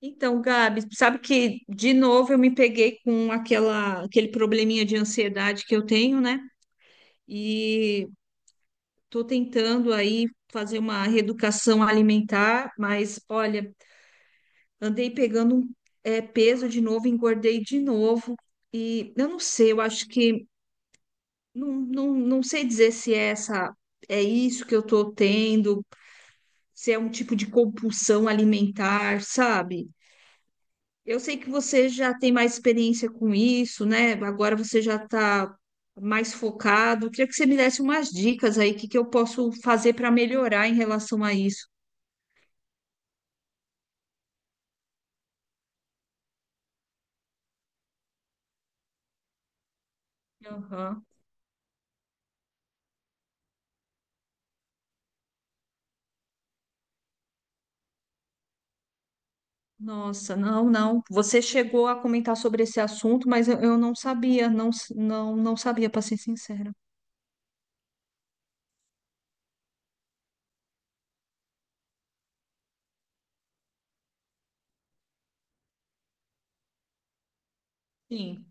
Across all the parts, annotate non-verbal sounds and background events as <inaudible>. Então, Gabi, sabe que de novo eu me peguei com aquele probleminha de ansiedade que eu tenho, né? E tô tentando aí fazer uma reeducação alimentar, mas olha, andei pegando um, peso de novo, engordei de novo. E eu não sei, eu acho que não sei dizer se é isso que eu tô tendo, se é um tipo de compulsão alimentar, sabe? Eu sei que você já tem mais experiência com isso, né? Agora você já está mais focado. Queria que você me desse umas dicas aí, o que que eu posso fazer para melhorar em relação a isso. Aham. Nossa, não, não. Você chegou a comentar sobre esse assunto, mas eu não sabia, não, não sabia, para ser sincera. Sim,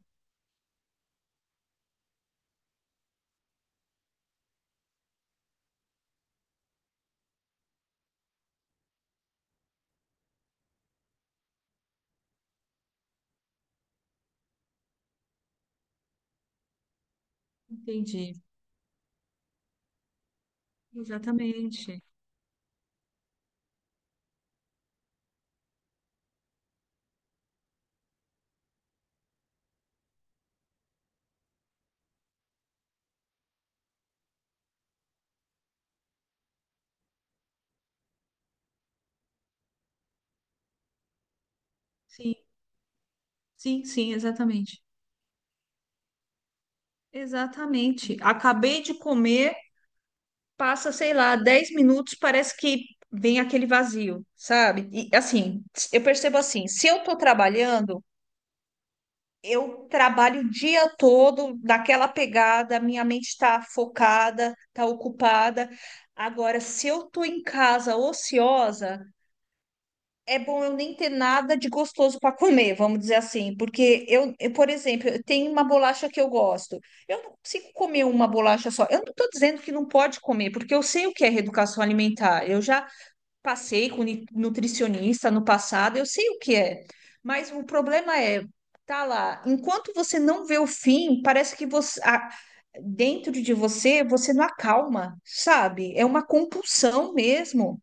entendi. Exatamente. Sim, sim, sim, exatamente. Exatamente. Acabei de comer. Passa, sei lá, 10 minutos, parece que vem aquele vazio, sabe? E assim, eu percebo assim, se eu tô trabalhando, eu trabalho o dia todo naquela pegada, minha mente tá focada, tá ocupada. Agora, se eu tô em casa ociosa, é bom eu nem ter nada de gostoso para comer, vamos dizer assim, porque por exemplo, eu tenho uma bolacha que eu gosto. Eu não consigo comer uma bolacha só. Eu não estou dizendo que não pode comer, porque eu sei o que é reeducação alimentar. Eu já passei com nutricionista no passado, eu sei o que é. Mas o problema é, tá lá, enquanto você não vê o fim, parece que você, dentro de você, você não acalma, sabe? É uma compulsão mesmo.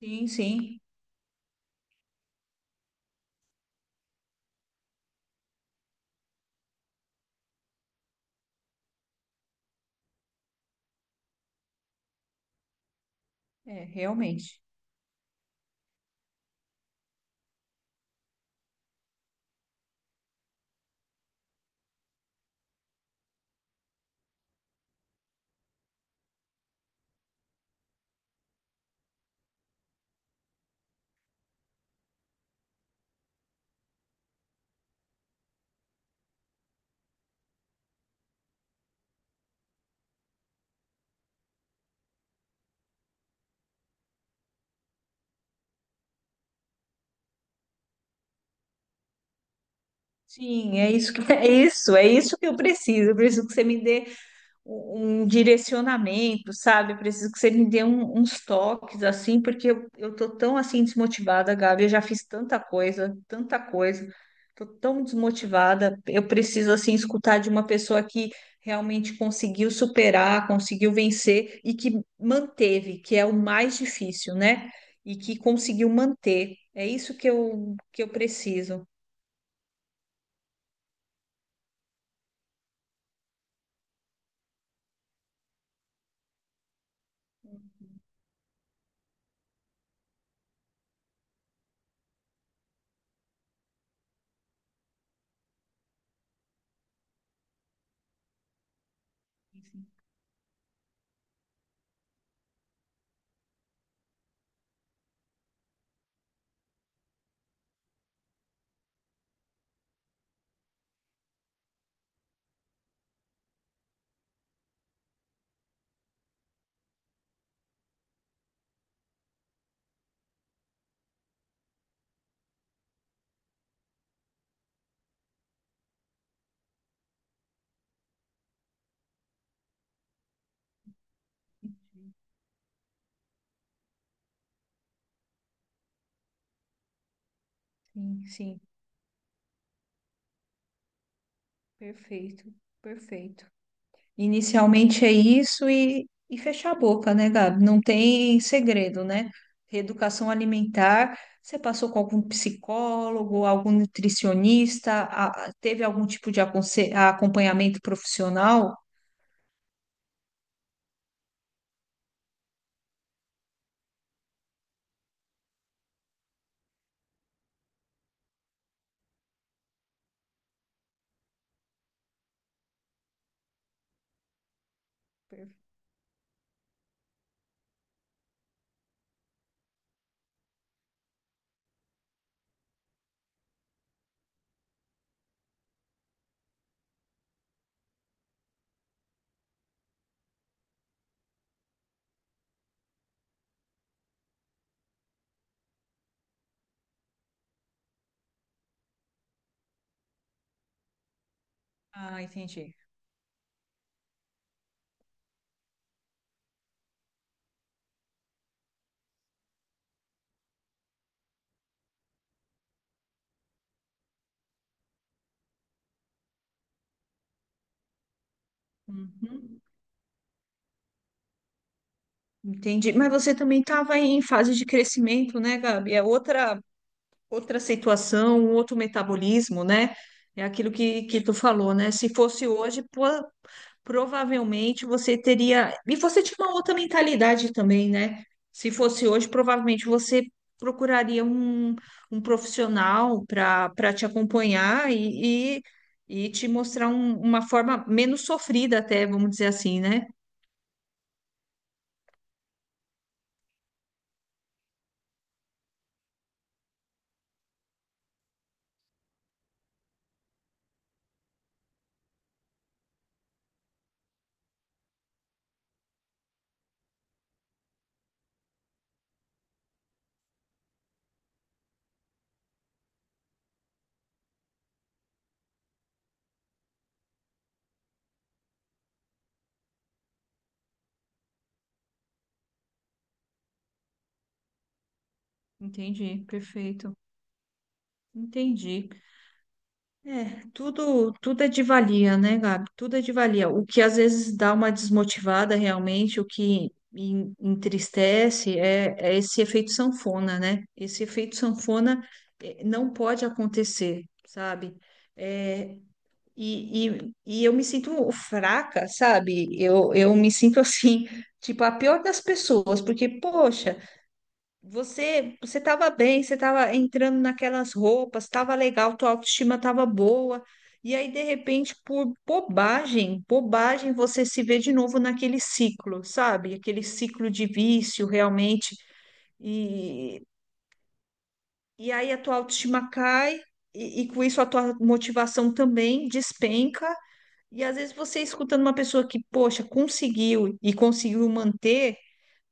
Sim, sim, é, realmente. Sim, é isso que <laughs> é isso que eu preciso. Eu preciso que você me dê um direcionamento, sabe? Eu preciso que você me dê uns toques assim, porque eu tô tão assim desmotivada, Gabi. Eu já fiz tanta coisa, tanta coisa. Tô tão desmotivada. Eu preciso assim escutar de uma pessoa que realmente conseguiu superar, conseguiu vencer e que manteve, que é o mais difícil, né? E que conseguiu manter. É isso que eu preciso. Sim, sim. Perfeito, perfeito. Inicialmente é isso e fechar a boca, né, Gabi? Não tem segredo, né? Reeducação alimentar, você passou com algum psicólogo, algum nutricionista, teve algum tipo de acompanhamento profissional? Per- Ah, entendi. Uhum, entendi. Mas você também estava em fase de crescimento, né, Gabi? Outra situação, um outro metabolismo, né? É aquilo que tu falou, né? Se fosse hoje, pô, provavelmente você teria. E você tinha uma outra mentalidade também, né? Se fosse hoje, provavelmente você procuraria um profissional para te acompanhar e te mostrar uma forma menos sofrida, até, vamos dizer assim, né? Entendi, perfeito. Entendi. É, tudo é de valia, né, Gabi? Tudo é de valia. O que às vezes dá uma desmotivada realmente, o que entristece é, é esse efeito sanfona, né? Esse efeito sanfona não pode acontecer, sabe? É, e eu me sinto fraca, sabe? Eu me sinto assim, <laughs> tipo, a pior das pessoas, porque, poxa. Você estava bem, você estava entrando naquelas roupas, estava legal, tua autoestima estava boa. E aí, de repente, por bobagem, bobagem, você se vê de novo naquele ciclo, sabe? Aquele ciclo de vício, realmente. E, e aí a tua autoestima cai, e com isso a tua motivação também despenca. E às vezes você escutando uma pessoa que, poxa, conseguiu e conseguiu manter.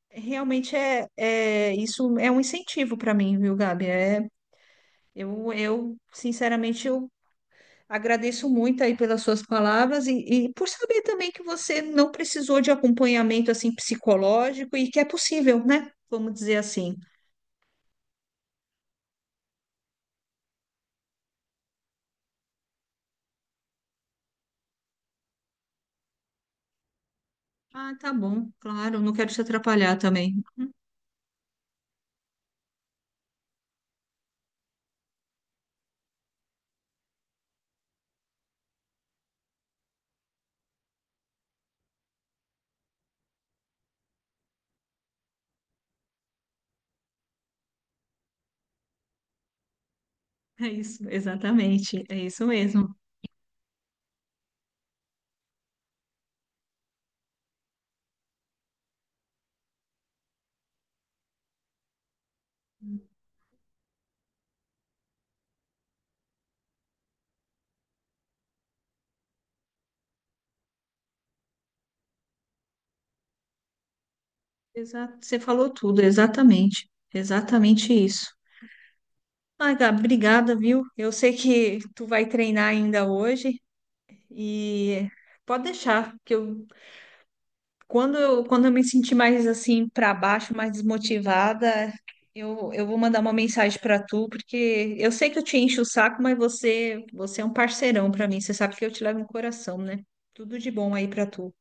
Realmente é, é isso é um incentivo para mim, viu, Gabi? Eu, sinceramente, eu agradeço muito aí pelas suas palavras e por saber também que você não precisou de acompanhamento assim psicológico e que é possível, né? Vamos dizer assim. Ah, tá bom, claro, não quero te atrapalhar também. É isso, exatamente, é isso mesmo. Exato, você falou tudo, exatamente, exatamente isso. Ah, Gabi, obrigada, viu? Eu sei que tu vai treinar ainda hoje e pode deixar. Que eu Quando eu, quando eu me sentir mais assim para baixo, mais desmotivada, eu vou mandar uma mensagem para tu, porque eu sei que eu te encho o saco, mas você é um parceirão para mim. Você sabe que eu te levo no coração, né? Tudo de bom aí para tu.